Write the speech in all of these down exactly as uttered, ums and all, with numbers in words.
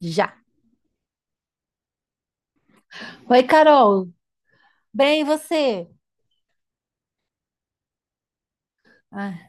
Já. Oi, Carol. Bem, e você? Ah,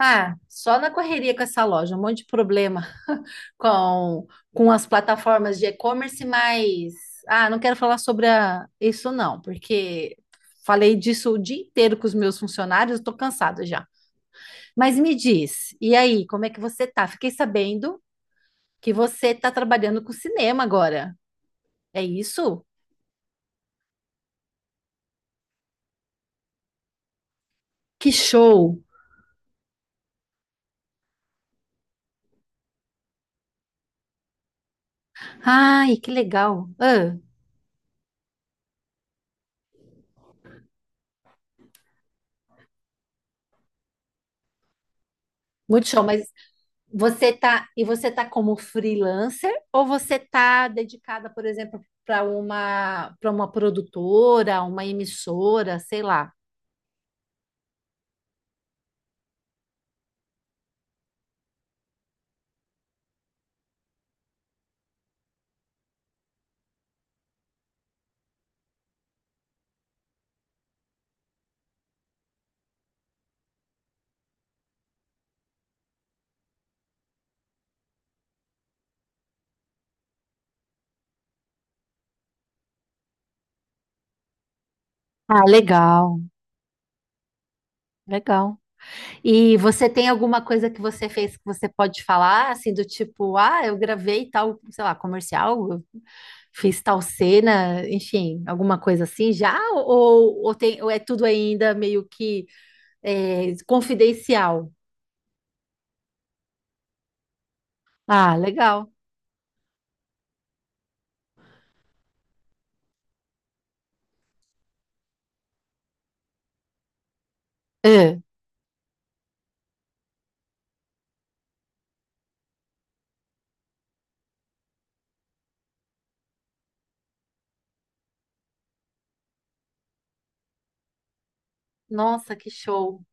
Ah, só na correria com essa loja, um monte de problema com, com as plataformas de e-commerce, mas ah, não quero falar sobre a- isso não, porque falei disso o dia inteiro com os meus funcionários, estou cansada já. Mas me diz, e aí, como é que você tá? Fiquei sabendo que você está trabalhando com cinema agora. É isso? Que show! Ai, que legal! Ah, muito show, mas Você tá, e você tá como freelancer ou você tá dedicada, por exemplo, para uma para uma produtora, uma emissora, sei lá. Ah, legal, legal. E você tem alguma coisa que você fez que você pode falar, assim, do tipo, ah, eu gravei tal, sei lá, comercial, eu fiz tal cena, enfim, alguma coisa assim já? Ou, ou, tem, ou é tudo ainda meio que é, confidencial? Ah, legal. É. Nossa, que show.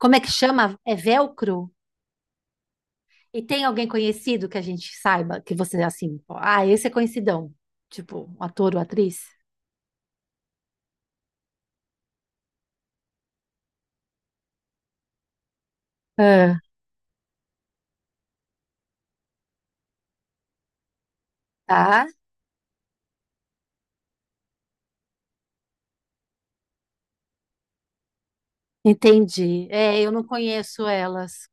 Como é que chama? É velcro? E tem alguém conhecido que a gente saiba que você assim, ó, ah, esse é conhecidão, tipo, um ator ou atriz? Ah, tá, entendi. É, eu não conheço elas.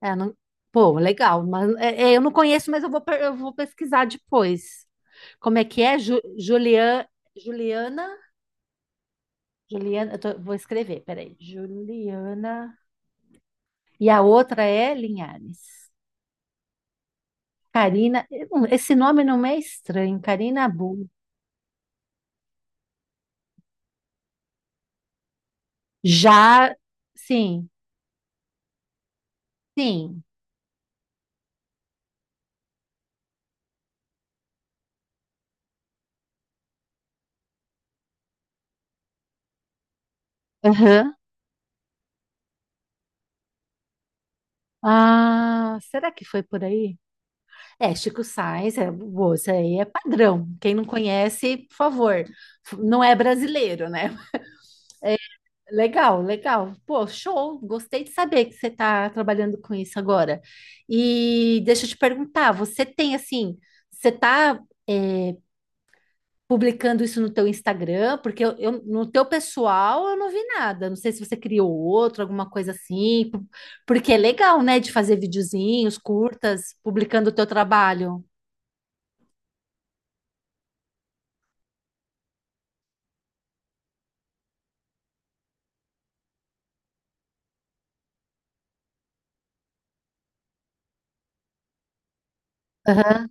É, não... Pô, legal, mas é, é, eu não conheço, mas eu vou, per- eu vou pesquisar depois. Como é que é? Ju, Julian, Juliana? Juliana, eu tô- vou escrever, peraí. Juliana. E a outra é Linhares. Carina, eu não- esse nome não me é estranho, Carina. Já, sim, sim. Aham. Ah, será que foi por aí? É, Chico Sainz, é, pô, isso aí é padrão. Quem não conhece, por favor, f- não é brasileiro, né? Legal, legal. Pô, show. Gostei de saber que você está trabalhando com isso agora. E deixa eu te perguntar, você tem assim, você está publicando isso no teu Instagram, porque eu, eu- no teu pessoal eu não vi nada. Não sei se você criou outro, alguma coisa assim, p- porque é legal, né, de fazer videozinhos, curtas, publicando o teu trabalho. Aham,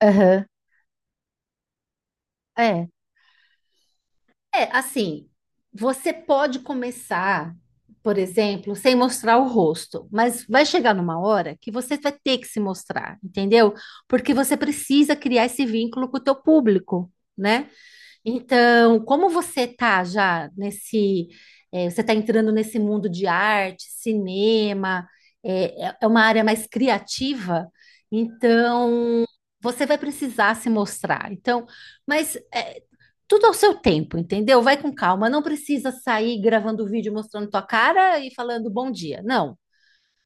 aham. É. É, assim, você pode começar, por exemplo, sem mostrar o rosto, mas vai chegar numa hora que você vai ter que se mostrar, entendeu? Porque você precisa criar esse vínculo com o teu público, né? Então, como você tá já nesse, eh, você está entrando nesse mundo de arte, cinema, eh, é, é uma área mais criativa, então você vai precisar se mostrar. Então, mas eh, tudo ao seu tempo, entendeu? Vai com calma, não precisa sair gravando vídeo mostrando tua cara e falando bom dia. Não,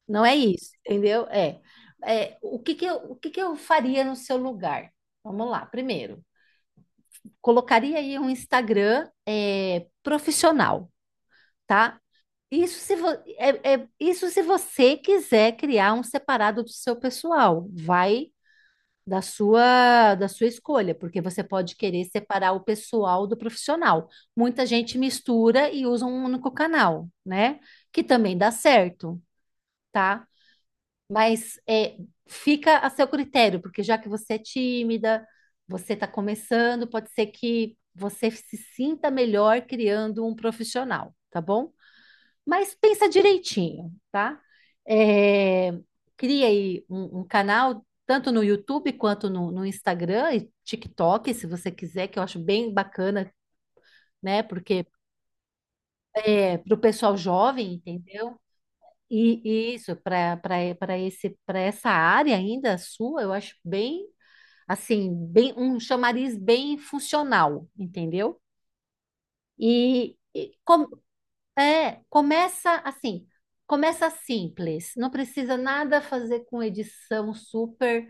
não é isso, entendeu? É, é o que que eu, o que que eu faria no seu lugar? Vamos lá, primeiro colocaria aí um Instagram é, profissional, tá? Isso se, vo- é- é- isso se você quiser criar um separado do seu pessoal, vai da sua da sua escolha, porque você pode querer separar o pessoal do profissional. Muita gente mistura e usa um único canal, né? Que também dá certo, tá? Mas é, fica a seu critério, porque já que você é tímida, você está começando, pode ser que você se sinta melhor criando um profissional, tá bom? Mas pensa direitinho, tá? É, cria aí um, um canal, tanto no YouTube quanto no, no Instagram e TikTok, se você quiser, que eu acho bem bacana, né? Porque é para o pessoal jovem, entendeu? E e isso, para para esse para essa área ainda sua, eu acho bem assim, bem um chamariz bem funcional, entendeu? E, e com- é, começa assim, começa simples, não precisa nada fazer com edição super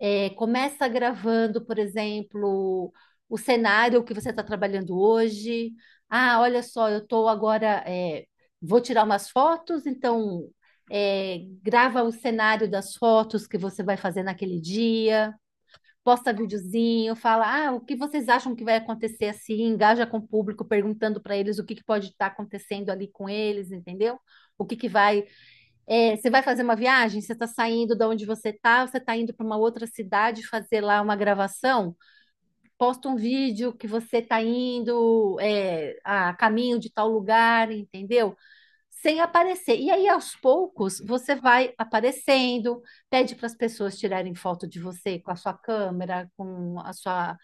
é, começa gravando, por exemplo, o cenário que você está trabalhando hoje. Ah, olha só, eu estou agora, é, vou tirar umas fotos, então é, grava o cenário das fotos que você vai fazer naquele dia, posta videozinho, fala, ah, o que vocês acham que vai acontecer assim? Engaja com o público, perguntando para eles o que que pode estar acontecendo ali com eles, entendeu? O que que vai é, você vai fazer uma viagem, você está saindo de onde você está, você está indo para uma outra cidade fazer lá uma gravação, posta um vídeo que você está indo é, a caminho de tal lugar, entendeu? Sem aparecer. E aí, aos poucos, você vai aparecendo, pede para as pessoas tirarem foto de você com a sua câmera, com a sua.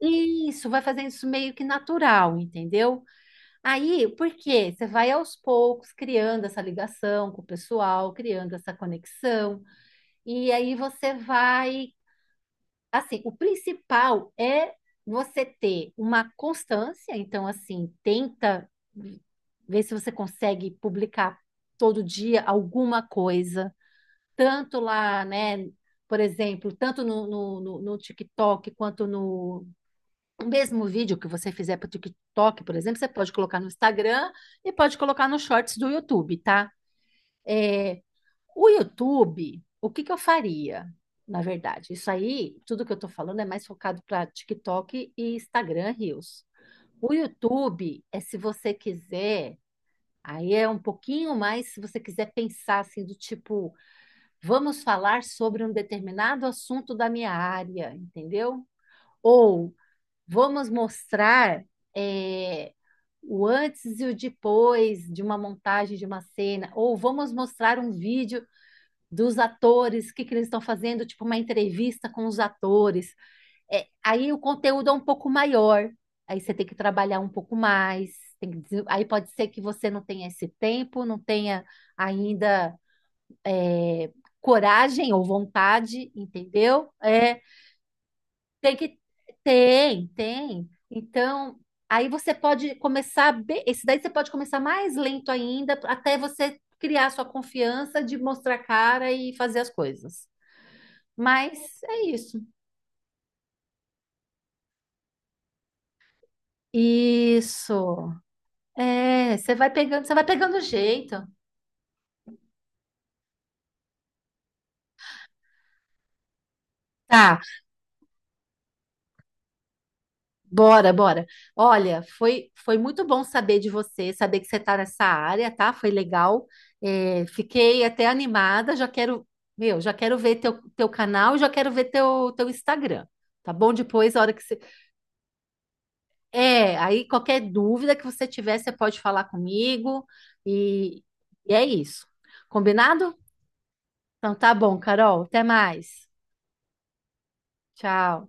Isso, vai fazendo isso meio que natural, entendeu? Aí, por quê? Você vai aos poucos criando essa ligação com o pessoal, criando essa conexão, e aí você vai, assim, o principal é você ter uma constância, então assim, tenta ver se você consegue publicar todo dia alguma coisa, tanto lá, né, por exemplo, tanto no, no, no no TikTok quanto o mesmo vídeo que você fizer para o TikTok, por exemplo, você pode colocar no Instagram e pode colocar nos shorts do YouTube, tá? É, o YouTube, o que que eu faria? Na verdade, isso aí, tudo que eu estou falando é mais focado para TikTok e Instagram Reels. O YouTube é se você quiser, aí é um pouquinho mais se você quiser pensar assim do tipo, vamos falar sobre um determinado assunto da minha área, entendeu? Ou vamos mostrar é, o antes e o depois de uma montagem de uma cena, ou vamos mostrar um vídeo dos atores, o que, que eles estão fazendo, tipo uma entrevista com os atores. É, aí o conteúdo é um pouco maior, aí você tem que trabalhar um pouco mais. Tem que des- aí pode ser que você não tenha esse tempo, não tenha ainda é, coragem ou vontade, entendeu? É, tem que. Tem, tem. Então, aí você pode começar. be- Esse daí você pode começar mais lento ainda, até você criar sua confiança de mostrar a cara e fazer as coisas. Mas é isso. Isso. É, você vai pegando, você vai pegando jeito. Tá. Bora, bora. Olha, foi, foi muito bom saber de você, saber que você está nessa área, tá? Foi legal. É, fiquei até animada, já quero, meu, já quero ver teu, teu canal, já quero ver teu, teu Instagram, tá bom? Depois, a hora que você... É, aí qualquer dúvida que você tiver, você pode falar comigo e, e é isso. Combinado? Então tá bom, Carol. Até mais. Tchau.